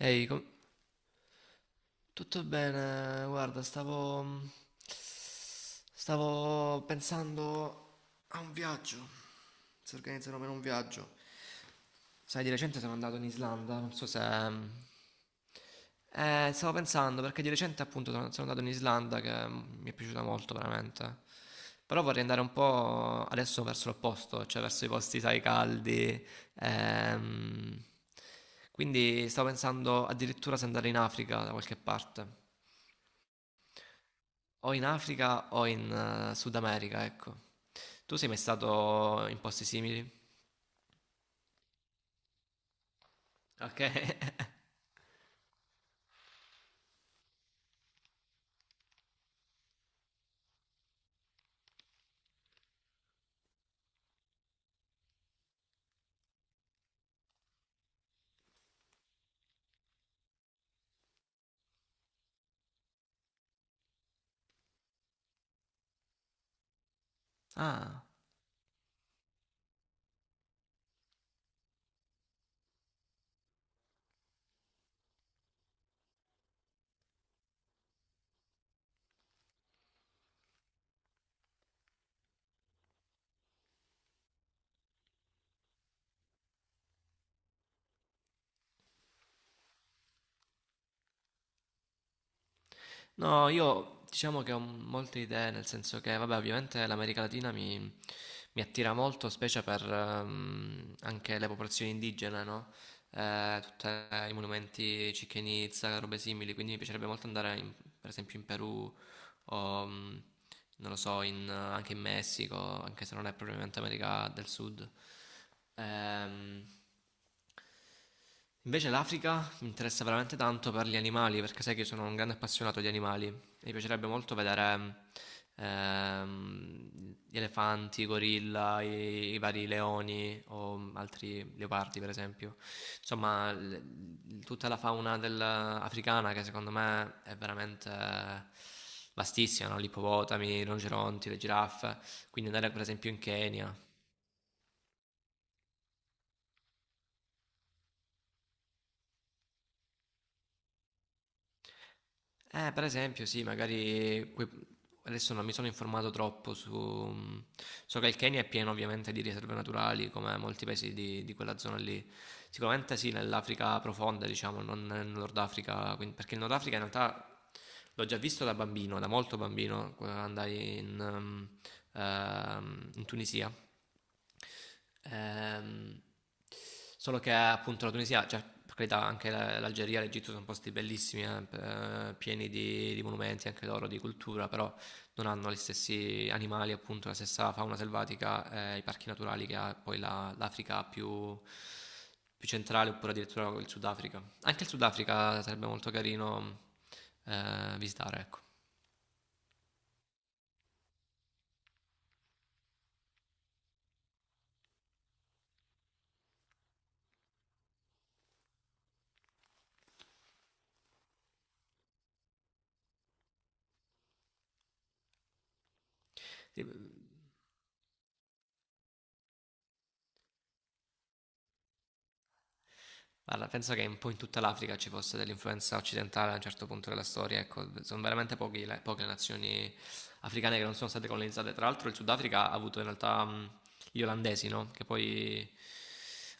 Ehi, tutto bene? Guarda, stavo... stavo pensando a un viaggio. Si organizzano per un viaggio. Sai, di recente sono andato in Islanda, non so se... stavo pensando, perché di recente appunto sono andato in Islanda che mi è piaciuta molto veramente. Però vorrei andare un po' adesso verso l'opposto, cioè verso i posti, sai, caldi. ehm. Quindi stavo pensando addirittura se andare in Africa da qualche parte. O in Africa o in Sud America, ecco. Tu sei mai stato in posti simili? Ok. Ah, no, io diciamo che ho molte idee, nel senso che, vabbè, ovviamente l'America Latina mi, mi attira molto, specie per anche le popolazioni indigene, no? Tutti i monumenti Chichen Itza, robe simili, quindi mi piacerebbe molto andare per esempio in Perù o non lo so, anche in Messico, anche se non è propriamente America del Sud. Ehm, Invece l'Africa mi interessa veramente tanto per gli animali, perché sai che io sono un grande appassionato di animali. Mi piacerebbe molto vedere gli elefanti, i gorilla, i vari leoni o altri leopardi, per esempio. Insomma, tutta la fauna africana che secondo me è veramente vastissima, no? Gli ippopotami, i rinoceronti, le giraffe. Quindi andare per esempio in Kenya. Per esempio, sì, magari adesso non mi sono informato troppo su... So che il Kenya è pieno ovviamente di riserve naturali, come molti paesi di quella zona lì. Sicuramente sì, nell'Africa profonda, diciamo, non nel Nord Africa, perché il Nord Africa in realtà l'ho già visto da bambino, da molto bambino, quando andai in, in Tunisia. Ehm, solo che appunto la Tunisia, cioè per carità anche l'Algeria, l'Egitto sono posti bellissimi, pieni di monumenti anche loro, di cultura, però non hanno gli stessi animali, appunto, la stessa fauna selvatica, i parchi naturali che ha poi l'Africa più, più centrale, oppure addirittura il Sudafrica. Anche il Sudafrica sarebbe molto carino visitare, ecco. Sì, guarda, penso che un po' in tutta l'Africa ci fosse dell'influenza occidentale a un certo punto della storia, ecco, sono veramente pochi poche le nazioni africane che non sono state colonizzate. Tra l'altro il Sudafrica ha avuto in realtà gli olandesi, no? Che poi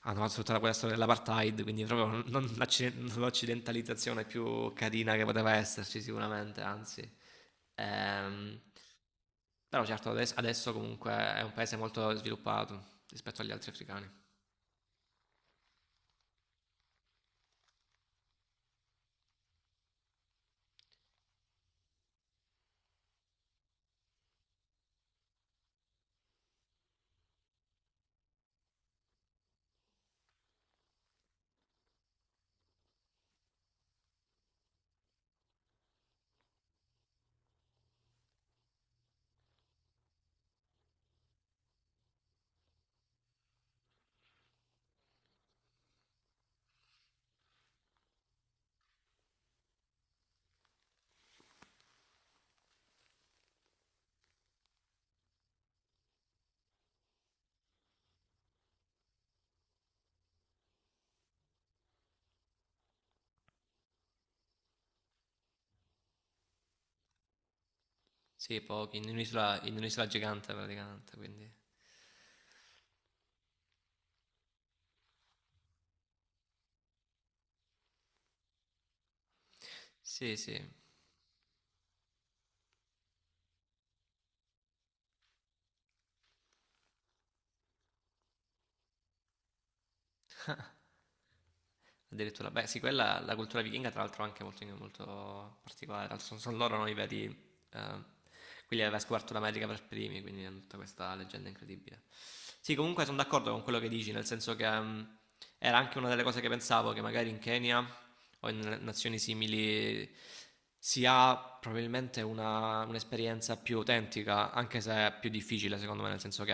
hanno fatto tutta quella storia dell'apartheid, quindi proprio non non l'occidentalizzazione più carina che poteva esserci sicuramente, anzi. Ehm, però certo adesso, adesso comunque è un paese molto sviluppato rispetto agli altri africani. Sì, pochi, in un'isola gigante praticamente, quindi... Sì, sì. Addirittura, beh, sì, quella la cultura vichinga, tra l'altro, è anche molto, molto particolare. Tra l'altro sono, sono loro no, i veri. Quelli aveva scoperto l'America per primi, quindi hanno tutta questa leggenda incredibile. Sì, comunque sono d'accordo con quello che dici, nel senso che era anche una delle cose che pensavo, che magari in Kenya o in nazioni simili si ha probabilmente un'esperienza più autentica, anche se è più difficile, secondo me, nel senso che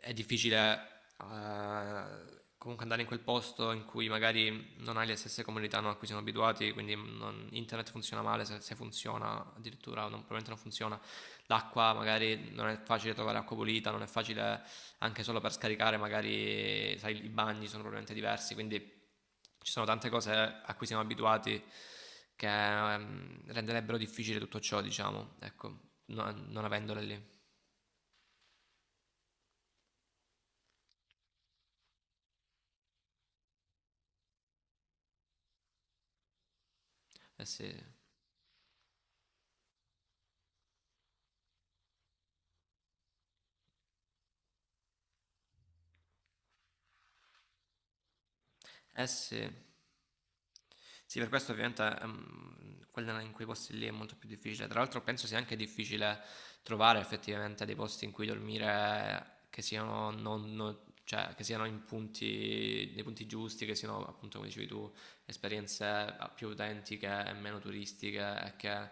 è difficile comunque andare in quel posto in cui magari non hai le stesse comunità no, a cui siamo abituati, quindi internet funziona male, se funziona addirittura probabilmente non funziona, l'acqua magari non è facile trovare acqua pulita, non è facile anche solo per scaricare, magari sai, i bagni sono probabilmente diversi, quindi ci sono tante cose a cui siamo abituati che renderebbero difficile tutto ciò, diciamo, ecco, non avendole lì. Eh sì, eh sì. Sì, per questo ovviamente, quella in quei posti lì è molto più difficile. Tra l'altro penso sia anche difficile trovare effettivamente dei posti in cui dormire che siano cioè, che siano in punti, nei punti giusti, che siano appunto come dicevi tu, esperienze più autentiche e meno turistiche e che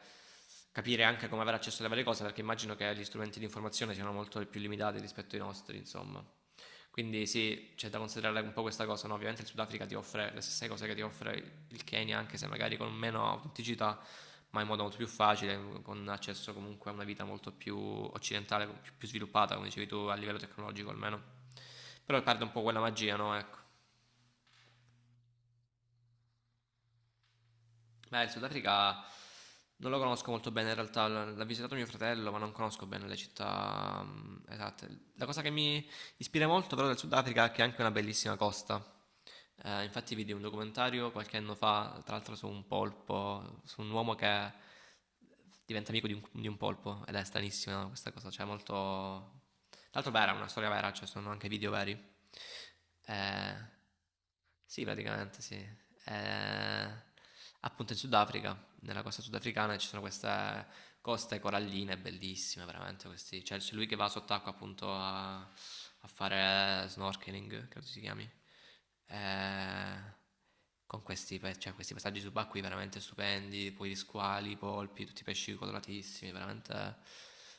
capire anche come avere accesso alle varie cose perché immagino che gli strumenti di informazione siano molto più limitati rispetto ai nostri, insomma. Quindi sì, c'è da considerare un po' questa cosa, no? Ovviamente il Sudafrica ti offre le stesse cose che ti offre il Kenya, anche se magari con meno autenticità, ma in modo molto più facile, con accesso comunque a una vita molto più occidentale, più, più sviluppata, come dicevi tu, a livello tecnologico almeno. Però perde un po' quella magia, no? Ecco. Beh, il Sudafrica non lo conosco molto bene in realtà, l'ha visitato mio fratello, ma non conosco bene le città esatte. La cosa che mi ispira molto però del Sudafrica che ha anche una bellissima costa. Infatti vidi un documentario qualche anno fa, tra l'altro su un polpo, su un uomo che diventa amico di un polpo ed è stranissima questa cosa, cioè molto... Tra l'altro vera, una storia vera, cioè sono anche video veri. Eh, sì, praticamente sì. Appunto in Sudafrica nella costa sudafricana ci sono queste coste coralline bellissime, veramente questi. Cioè, c'è lui che va sott'acqua appunto a, a fare snorkeling, credo si chiami. Eh, con questi, cioè, questi passaggi subacquei veramente stupendi, poi gli squali, i polpi, tutti i pesci coloratissimi, veramente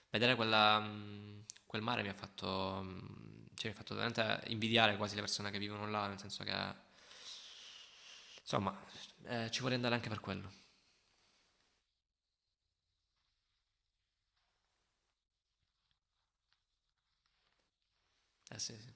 vedere quella, quel mare mi ha fatto, cioè, mi ha fatto veramente invidiare quasi le persone che vivono là, nel senso che, insomma, ci vorrei andare anche per quello. Sì, sì.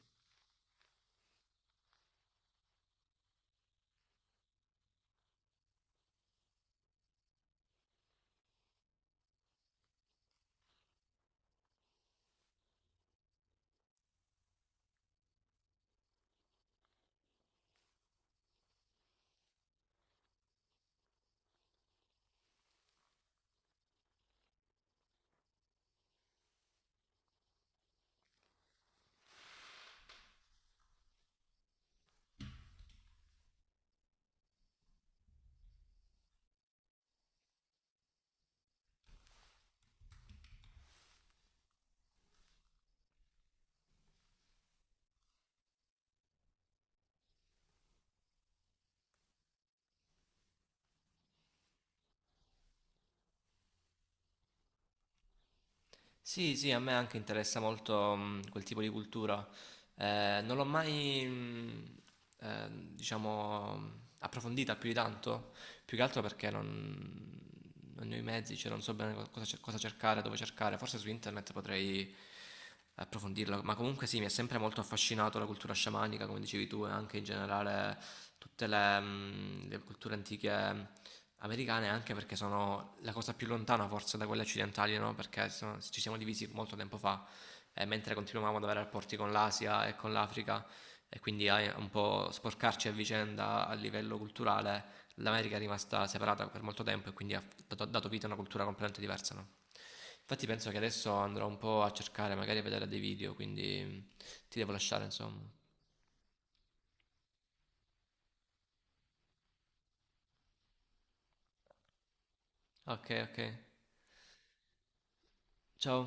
Sì, sì, a me anche interessa molto quel tipo di cultura. Non l'ho mai, eh, diciamo, approfondita più di tanto, più che altro perché non ne ho i mezzi, cioè non so bene cosa, cosa cercare, dove cercare, forse su internet potrei approfondirla, ma comunque sì, mi è sempre molto affascinato la cultura sciamanica, come dicevi tu, e anche in generale tutte le, le culture antiche americane, anche perché sono la cosa più lontana forse da quelle occidentali, no? Perché ci siamo divisi molto tempo fa, e mentre continuavamo ad avere rapporti con l'Asia e con l'Africa, e quindi a un po' sporcarci a vicenda a livello culturale l'America è rimasta separata per molto tempo e quindi ha dato vita a una cultura completamente diversa, no? Infatti penso che adesso andrò un po' a cercare, magari a vedere dei video, quindi ti devo lasciare, insomma. Ok, ok. Ciao.